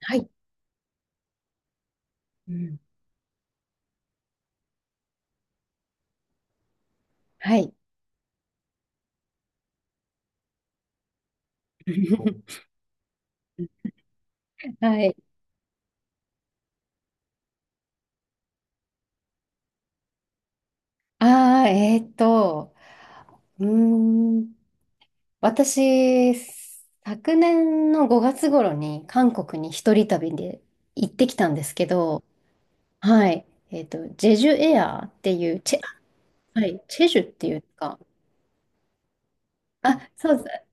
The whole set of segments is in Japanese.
はい。うん。はい。はい。ああ、うーん、私、昨年の5月頃に韓国に一人旅で行ってきたんですけど、はい。ジェジュエアーっていう、はい、チェジュっていうか、あ、そうです、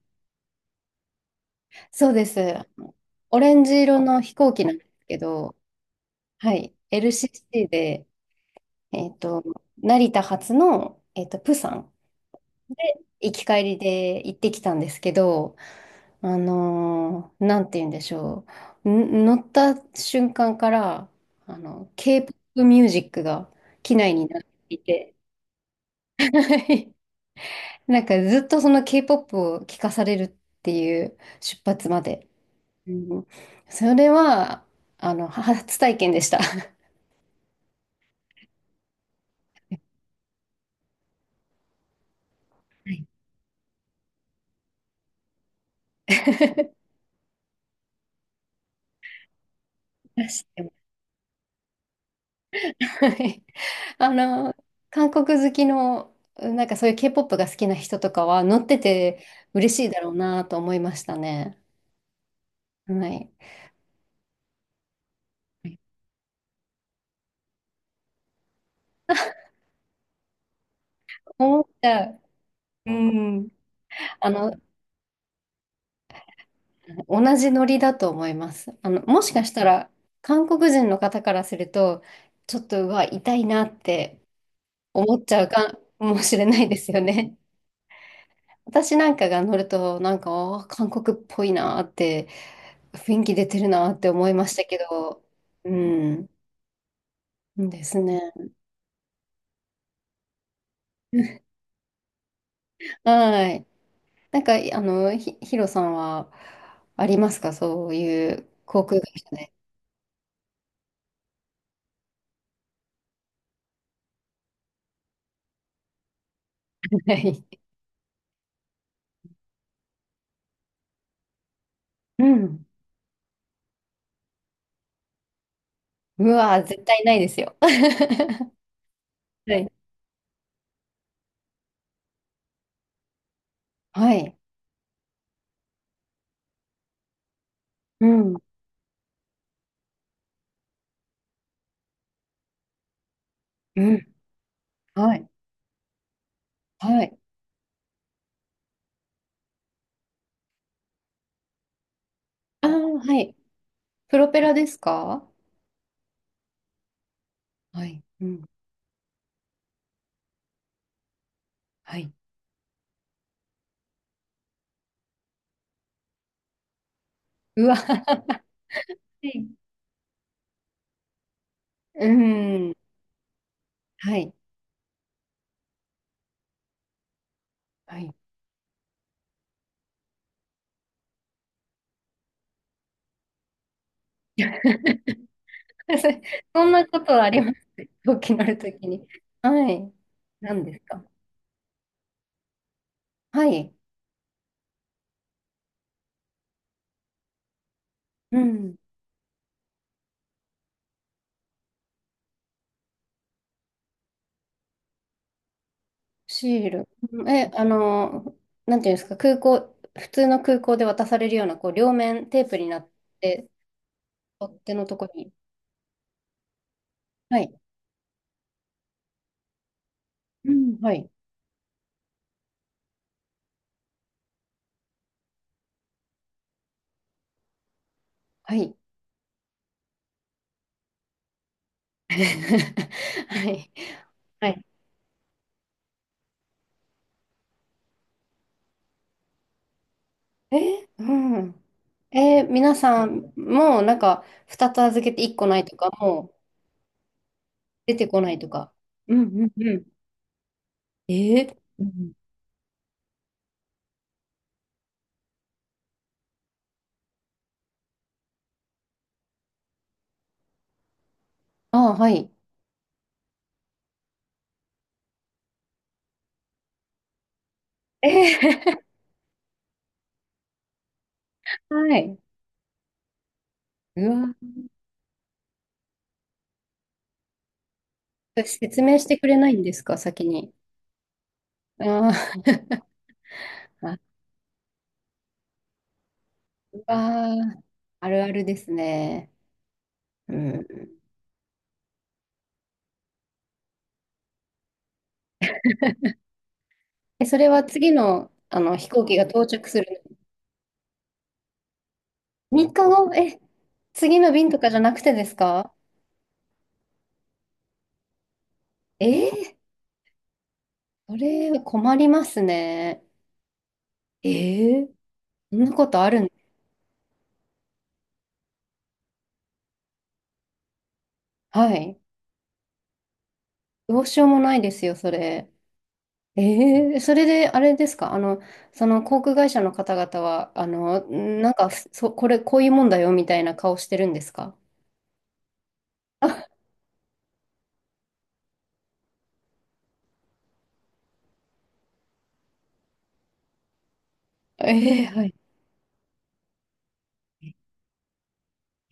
そうです。オレンジ色の飛行機なんですけど、はい。LCC で、えーっと、成田発の、プサン。行き帰りで行ってきたんですけど、なんて言うんでしょう。乗った瞬間から、K-POP ミュージックが機内になっていて、なんかずっとその K-POP を聴かされるっていう、出発まで。うん、それは、初体験でした。はい。 出しても、はい。あの、韓国好きの、なんかそういう K-POP が好きな人とかは乗ってて嬉しいだろうなと思いましたね。はい。思った。うん。あの、同じノリだと思います。もしかしたら、韓国人の方からすると、ちょっと、うわ、痛いなって思っちゃうかもしれないですよね。私なんかが乗ると、なんか、あー韓国っぽいなーって、雰囲気出てるなーって思いましたけど、うん、ですね。はい。なんか、ヒロさんはありますか、そういう航空会社で？はい。うん。うわー、絶対ないですよ。はい。はい。うん。うん。はい。はい。ああ、はい。プロペラですか？はい。うん。はい。うわ。はい。うん。はい。はい。そんなことはあります、大きなるときに。はい。何ですか？はい。うん。シール。うん。え、あの、なんていうんですか、空港、普通の空港で渡されるような、こう、両面テープになって、取っ手のとこに。はい。うん。はい。はい。はい。はい。え、うん。皆さん、もうなんか、2つ預けて1個ないとか、もう出てこないとか。うんうんうん。うん、ああ、はい。ええ、 はい。うわ、説明してくれないんですか、先に？ああ、あ、うわ、あるあるですね。うん。え、それは次の、飛行機が到着する3日後、え、次の便とかじゃなくてですか？えー、それは困りますね。えーそんなことあるん。はい。どうしようもないですよ、それ。ええ、それで、あれですか、その航空会社の方々は、なんか、そ、これ、こういうもんだよ、みたいな顔してるんですか？あ、ええ、はい。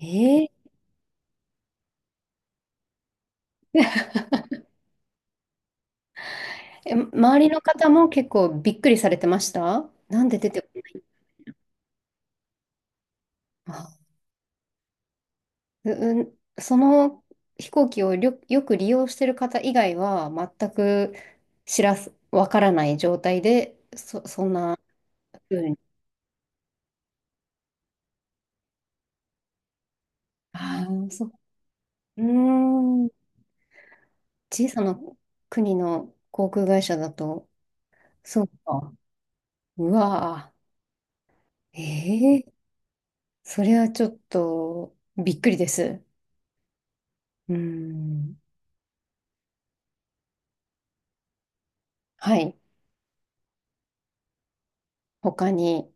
ええ、 周りの方も結構びっくりされてました、なんで出てこない。あ、う、うん、その飛行機をよく利用してる方以外は、全く知らす、わからない状態で、そんな風に。ああ、そう。うーん。小さな国の航空会社だと、そうか。うわぁ。ええ、それはちょっとびっくりです。うん。はい。他に。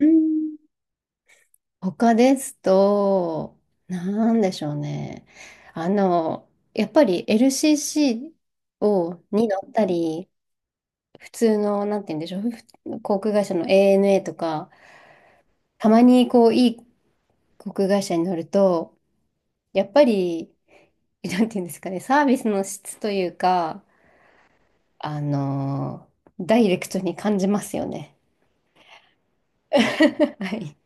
うん、他ですと、なんでしょうね。あの、やっぱり LCC に乗ったり、普通の、なんて言うんでしょう、航空会社の ANA とか、たまにこう、いい航空会社に乗ると、やっぱり、なんていうんですかね、サービスの質というか、ダイレクトに感じますよね。はい。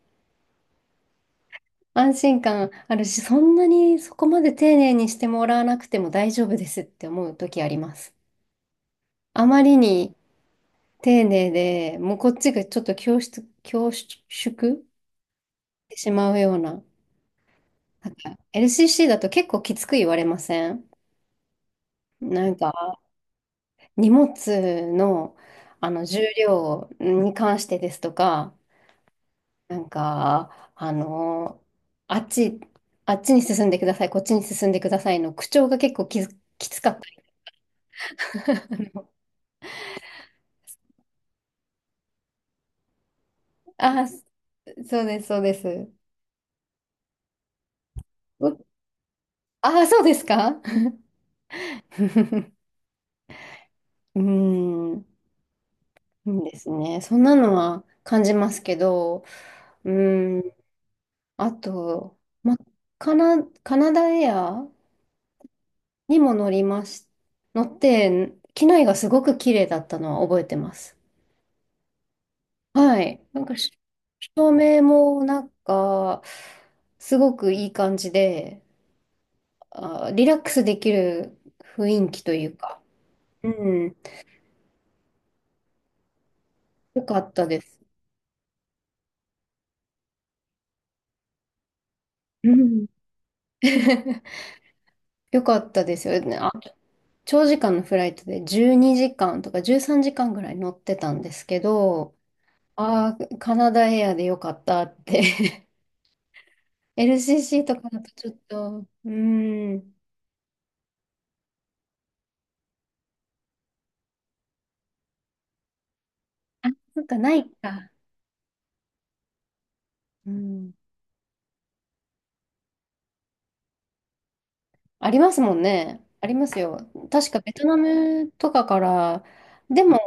安心感あるし、そんなにそこまで丁寧にしてもらわなくても大丈夫ですって思う時あります。あまりに丁寧で、もうこっちがちょっと恐縮してしまうような。なんか LCC だと結構きつく言われません？なんか荷物の、重量に関してですとか、なんか、あの、あっち、あっちに進んでください、こっちに進んでくださいの口調が結構きつかった。あ、そうです、そうです。うあ、そうですか。 うーん、いいですね。そんなのは感じますけど、うーん、あと、ま、カナダエアにも乗りまし、乗って、機内がすごく綺麗だったのは覚えてます。はい。なんかし、照明もなんか、すごくいい感じで、あ、リラックスできる雰囲気というか、うん、よかったです。うん。 よかったですよね。あ、長時間のフライトで12時間とか13時間ぐらい乗ってたんですけど、ああ、カナダエアでよかったって。 LCC とかだとちょっと、うん、あ、そっか、ないか。うん、ありますもんね。ありますよ。確かベトナムとかから、でも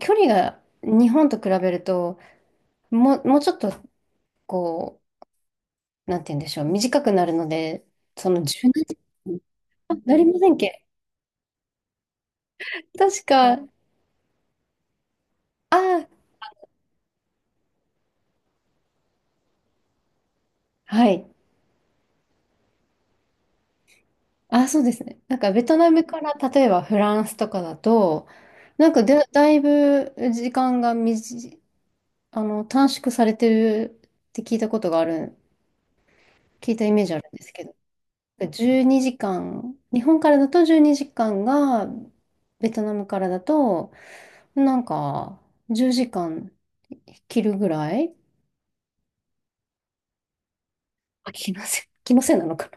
距離が日本と比べると、もうちょっとこう、なんて言うんでしょう、短くなるので、その柔軟あ、なりませんっけ、確か、ああ、はい。あ、そうですね。なんかベトナムから例えばフランスとかだと、なんかで、だいぶ時間が短い、短縮されてるって聞いたことがある、聞いたイメージあるんですけど、12時間、日本からだと12時間が、ベトナムからだと、なんか、10時間切るぐらい。あ、気のせい、気のせいなのか。